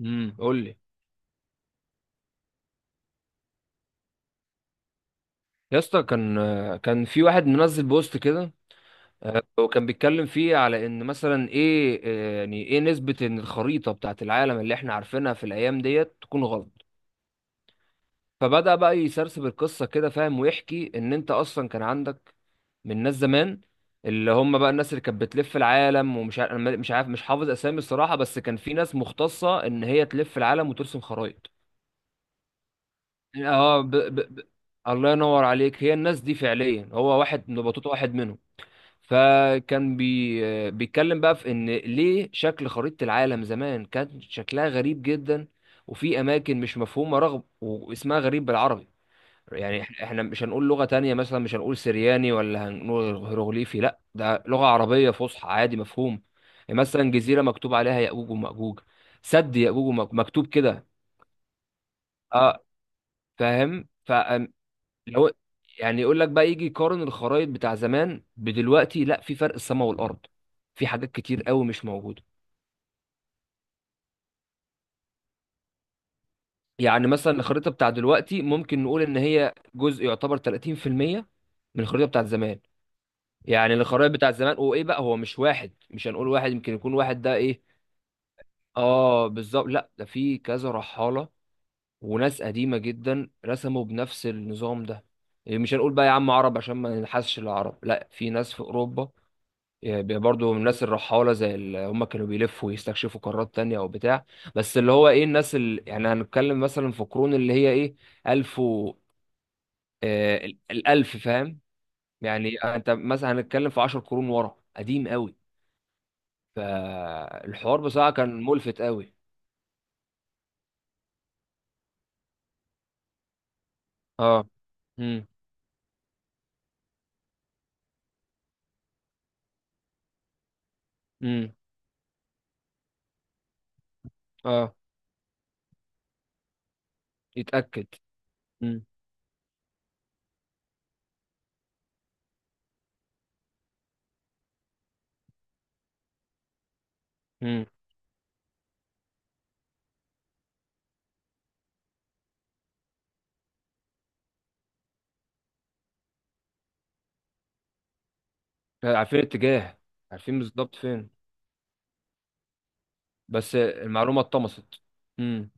قول لي يا اسطى. كان في واحد منزل بوست كده. وكان بيتكلم فيه على ان مثلا ايه، يعني ايه نسبة ان الخريطة بتاعت العالم اللي احنا عارفينها في الايام ديت تكون غلط. فبدأ بقى يسرسب القصة كده، فاهم، ويحكي ان انت اصلا كان عندك من ناس زمان اللي هم بقى الناس اللي كانت بتلف العالم، ومش عارف مش عارف مش حافظ اسامي الصراحة، بس كان في ناس مختصة ان هي تلف العالم وترسم خرايط. اه. الله ينور عليك. هي الناس دي فعليا، هو واحد من بطوطة، واحد منهم. فكان بيتكلم بقى في ان ليه شكل خريطة العالم زمان كان شكلها غريب جدا، وفي اماكن مش مفهومة رغم واسمها غريب بالعربي. يعني احنا مش هنقول لغة تانية، مثلا مش هنقول سرياني ولا هنقول هيروغليفي، لا ده لغة عربية فصحى عادي مفهوم. يعني مثلا جزيرة مكتوب عليها يأجوج ومأجوج. سد يأجوج ومأجوج مكتوب كده. اه. فاهم. لو يعني يقول لك بقى يجي يقارن الخرايط بتاع زمان بدلوقتي، لا في فرق السماء والارض، في حاجات كتير قوي مش موجوده. يعني مثلا الخريطه بتاع دلوقتي ممكن نقول ان هي جزء يعتبر 30% من الخريطه بتاع زمان. يعني الخرائط بتاع زمان، وايه بقى، هو مش واحد، مش هنقول واحد يمكن يكون واحد ده ايه. اه بالظبط. لا ده في كذا رحاله وناس قديمه جدا رسموا بنفس النظام ده. إيه، مش هنقول بقى يا عم عرب عشان ما ننحسش العرب، لا في ناس في اوروبا. يبقى برضو من الناس الرحالة زي اللي هم كانوا بيلفوا ويستكشفوا قارات تانية أو بتاع. بس اللي هو إيه الناس اللي يعني هنتكلم مثلا في قرون اللي هي إيه، ألف و الألف، فاهم. يعني أنت مثلا هنتكلم في 10 قرون ورا، قديم قوي. فالحوار بصراحة كان ملفت قوي. اه. امم. امم. اه. يتأكد. امم. امم. عارفين الاتجاه. عارفين بالظبط فين. بس المعلومة اتطمست. امم.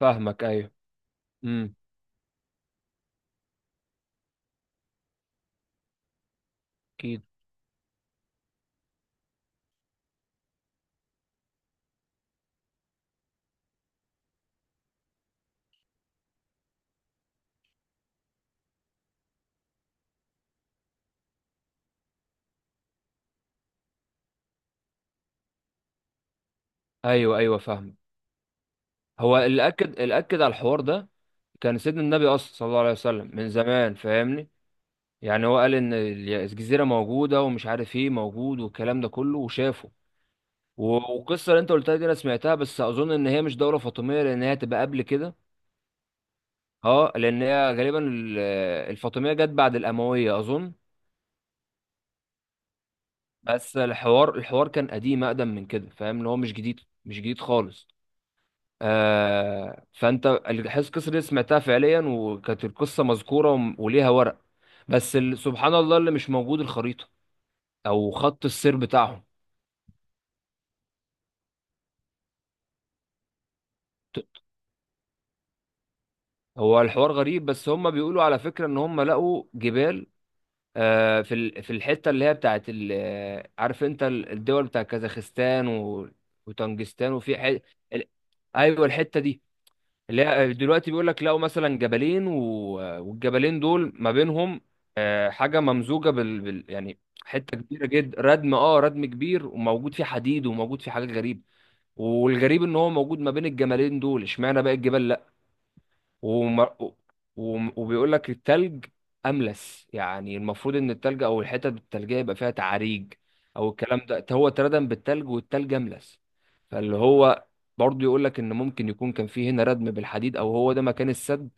فاهمك أيوه. امم. أكيد. ايوه ايوه فاهمك. هو اللي اكد على الحوار ده كان سيدنا النبي اصلا صلى الله عليه وسلم من زمان، فاهمني. يعني هو قال ان الجزيره موجوده، ومش عارف ايه موجود والكلام ده كله، وشافه. و- والقصه اللي انت قلتها دي انا سمعتها، بس اظن ان هي مش دوله فاطميه لان هي هتبقى قبل كده. اه. لان هي غالبا الفاطميه جت بعد الامويه اظن. بس الحوار كان قديم، اقدم من كده، فاهم، اللي هو مش جديد. مش جديد خالص. فانت الحس القصه دي سمعتها فعليا، وكانت القصه مذكوره وليها ورق. بس سبحان الله، اللي مش موجود الخريطه، او خط السير بتاعهم. ت- هو الحوار غريب، بس هم بيقولوا على فكره ان هم لقوا جبال. في في الحته اللي هي بتاعت عارف انت الدول بتاع كازاخستان وطنجستان، وفي ال- ايوه الحته دي. اللي هي دلوقتي بيقول لك لقوا مثلا جبلين والجبلين دول ما بينهم حاجه ممزوجه يعني حته كبيره جدا، ردم، اه ردم كبير، وموجود فيه حديد، وموجود فيه حاجات غريبه. والغريب ان هو موجود ما بين الجبلين دول، اشمعنى بقى الجبال. وم... وبيقول لك التلج املس، يعني المفروض ان التلج او الحتت التلجيه يبقى فيها تعاريج. او الكلام ده، هو اتردم بالتلج والتلج املس، فاللي هو برضه يقول لك ان ممكن يكون كان فيه هنا ردم بالحديد، او هو ده مكان السد.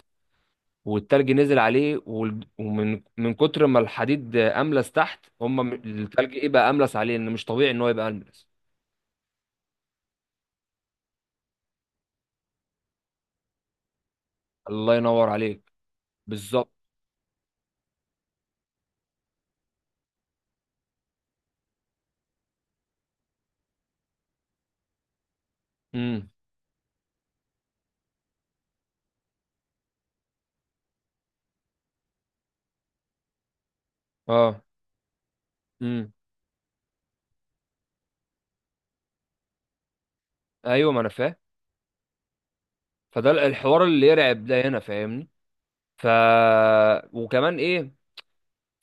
والتلج نزل عليه ومن من كتر ما الحديد املس تحت هم التلج ايه بقى املس عليه، ان مش طبيعي ان هو يبقى املس. الله ينور عليك. بالظبط. امم. اه. امم. ايوه ما انا فاهم. فده الحوار اللي يرعب ده هنا، فاهمني. ف وكمان ايه،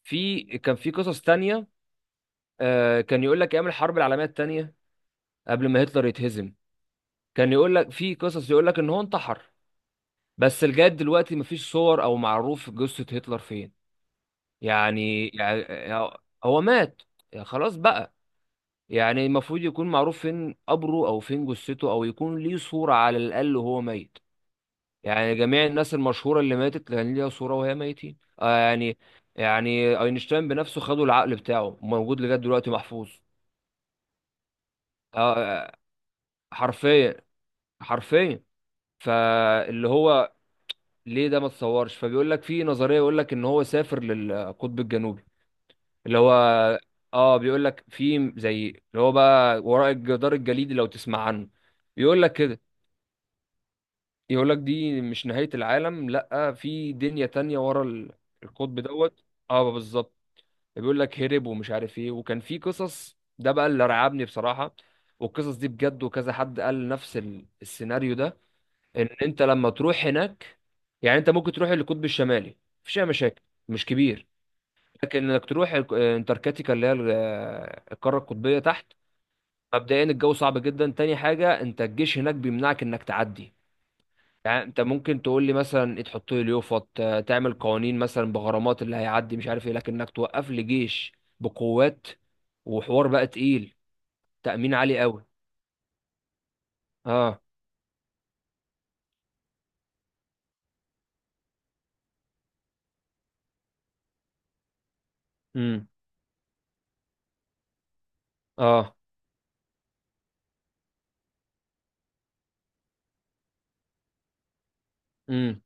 كان في قصص تانية. كان يقول لك ايام الحرب العالميه التانية، قبل ما هتلر يتهزم. كان يقول لك في قصص يقول لك ان هو انتحر، بس لغايه دلوقتي مفيش صور او معروف جثه هتلر فين. يعني هو مات، يعني خلاص بقى. يعني المفروض يكون معروف فين قبره، او فين جثته، او يكون ليه صوره على الاقل وهو ميت. يعني جميع الناس المشهورة اللي ماتت كان ليها صورة وهي ميتين، يعني. يعني اينشتاين بنفسه، خدوا العقل بتاعه موجود لغاية دلوقتي محفوظ. آه حرفيا. حرفيا. فاللي هو ليه ده ما اتصورش. فبيقول لك في نظرية يقول لك ان هو سافر للقطب الجنوبي. اللي هو اه بيقول لك في زي اللي هو بقى وراء الجدار الجليدي، لو تسمع عنه. يقول لك كده. يقول لك دي مش نهاية العالم، لا في دنيا تانية ورا القطب دوت. اه بالظبط. بيقول لك هرب ومش عارف ايه، وكان في قصص، ده بقى اللي رعبني بصراحة. والقصص دي بجد، وكذا حد قال نفس السيناريو ده. ان انت لما تروح هناك، يعني انت ممكن تروح القطب الشمالي، مفيش اي مشاكل، مش كبير. لكن انك تروح انتاركتيكا اللي هي القارة القطبية تحت. مبدئيا الجو صعب جدا، تاني حاجة، انت الجيش هناك بيمنعك انك تعدي. يعني انت ممكن تقول لي مثلا ايه، تحط لي اليوفط، تعمل قوانين مثلا بغرامات اللي هيعدي مش عارف ايه، لكن انك توقف لي جيش بقوات، وحوار بقى تقيل، تأمين عالي قوي. اه. امم. اه. امم.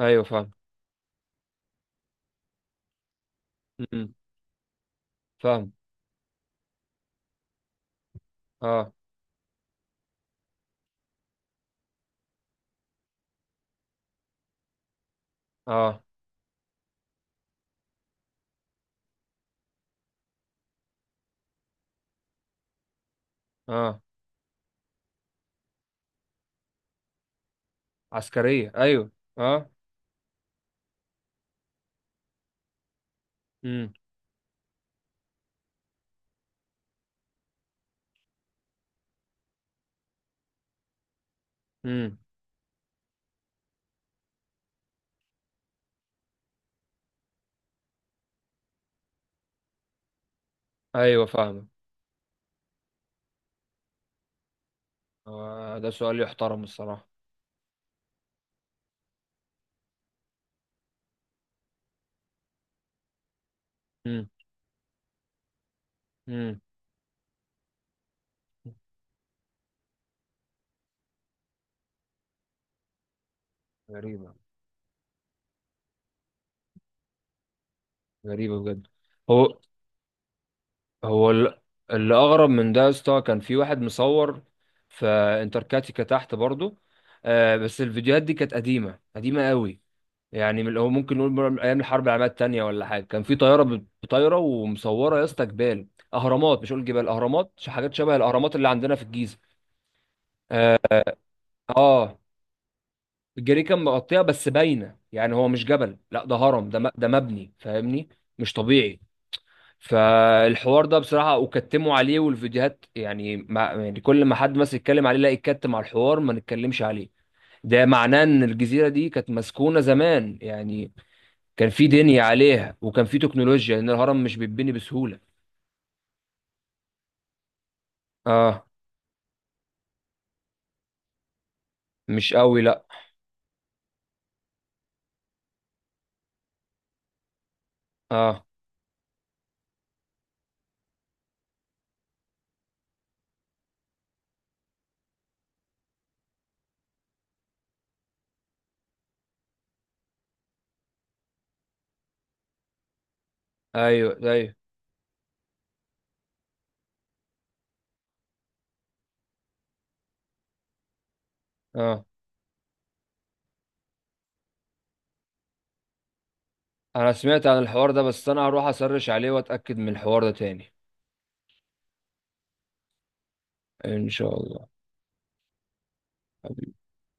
ايوه فاهم. امم. فاهم. اه. اه. اه. عسكرية ايوه. اه. امم. امم. ايوه فاهم. ده سؤال يحترم الصراحة. امم. امم. غريبة. غريبة بجد. هو هو ال- اللي اغرب من ده يا اسطى، كان في واحد مصور في انتركاتيكا تحت برضه. بس الفيديوهات دي كانت قديمه قديمه قوي. يعني هو ممكن نقول من ايام الحرب العالميه الثانيه ولا حاجه، كان في طياره طايره ومصوره يا اسطى جبال. اهرامات، مش اقول جبال، اهرامات، حاجات شبه الاهرامات اللي عندنا في الجيزه. اه. الجري كان مغطيها بس باينه، يعني هو مش جبل، لا ده هرم، ده مبني فاهمني. مش طبيعي. فالحوار ده بصراحة وكتموا عليه والفيديوهات يعني, ما يعني كل ما حد مثلا يتكلم عليه لا يتكتم على الحوار، ما نتكلمش عليه. ده معناه ان الجزيرة دي كانت مسكونة زمان، يعني كان في دنيا عليها، وكان في تكنولوجيا لان الهرم مش بيتبني بسهولة. اه، مش قوي لا. اه. ايوه ايوه. اه انا سمعت عن الحوار ده، بس انا هروح اسرش عليه واتأكد من الحوار ده تاني. ان شاء الله.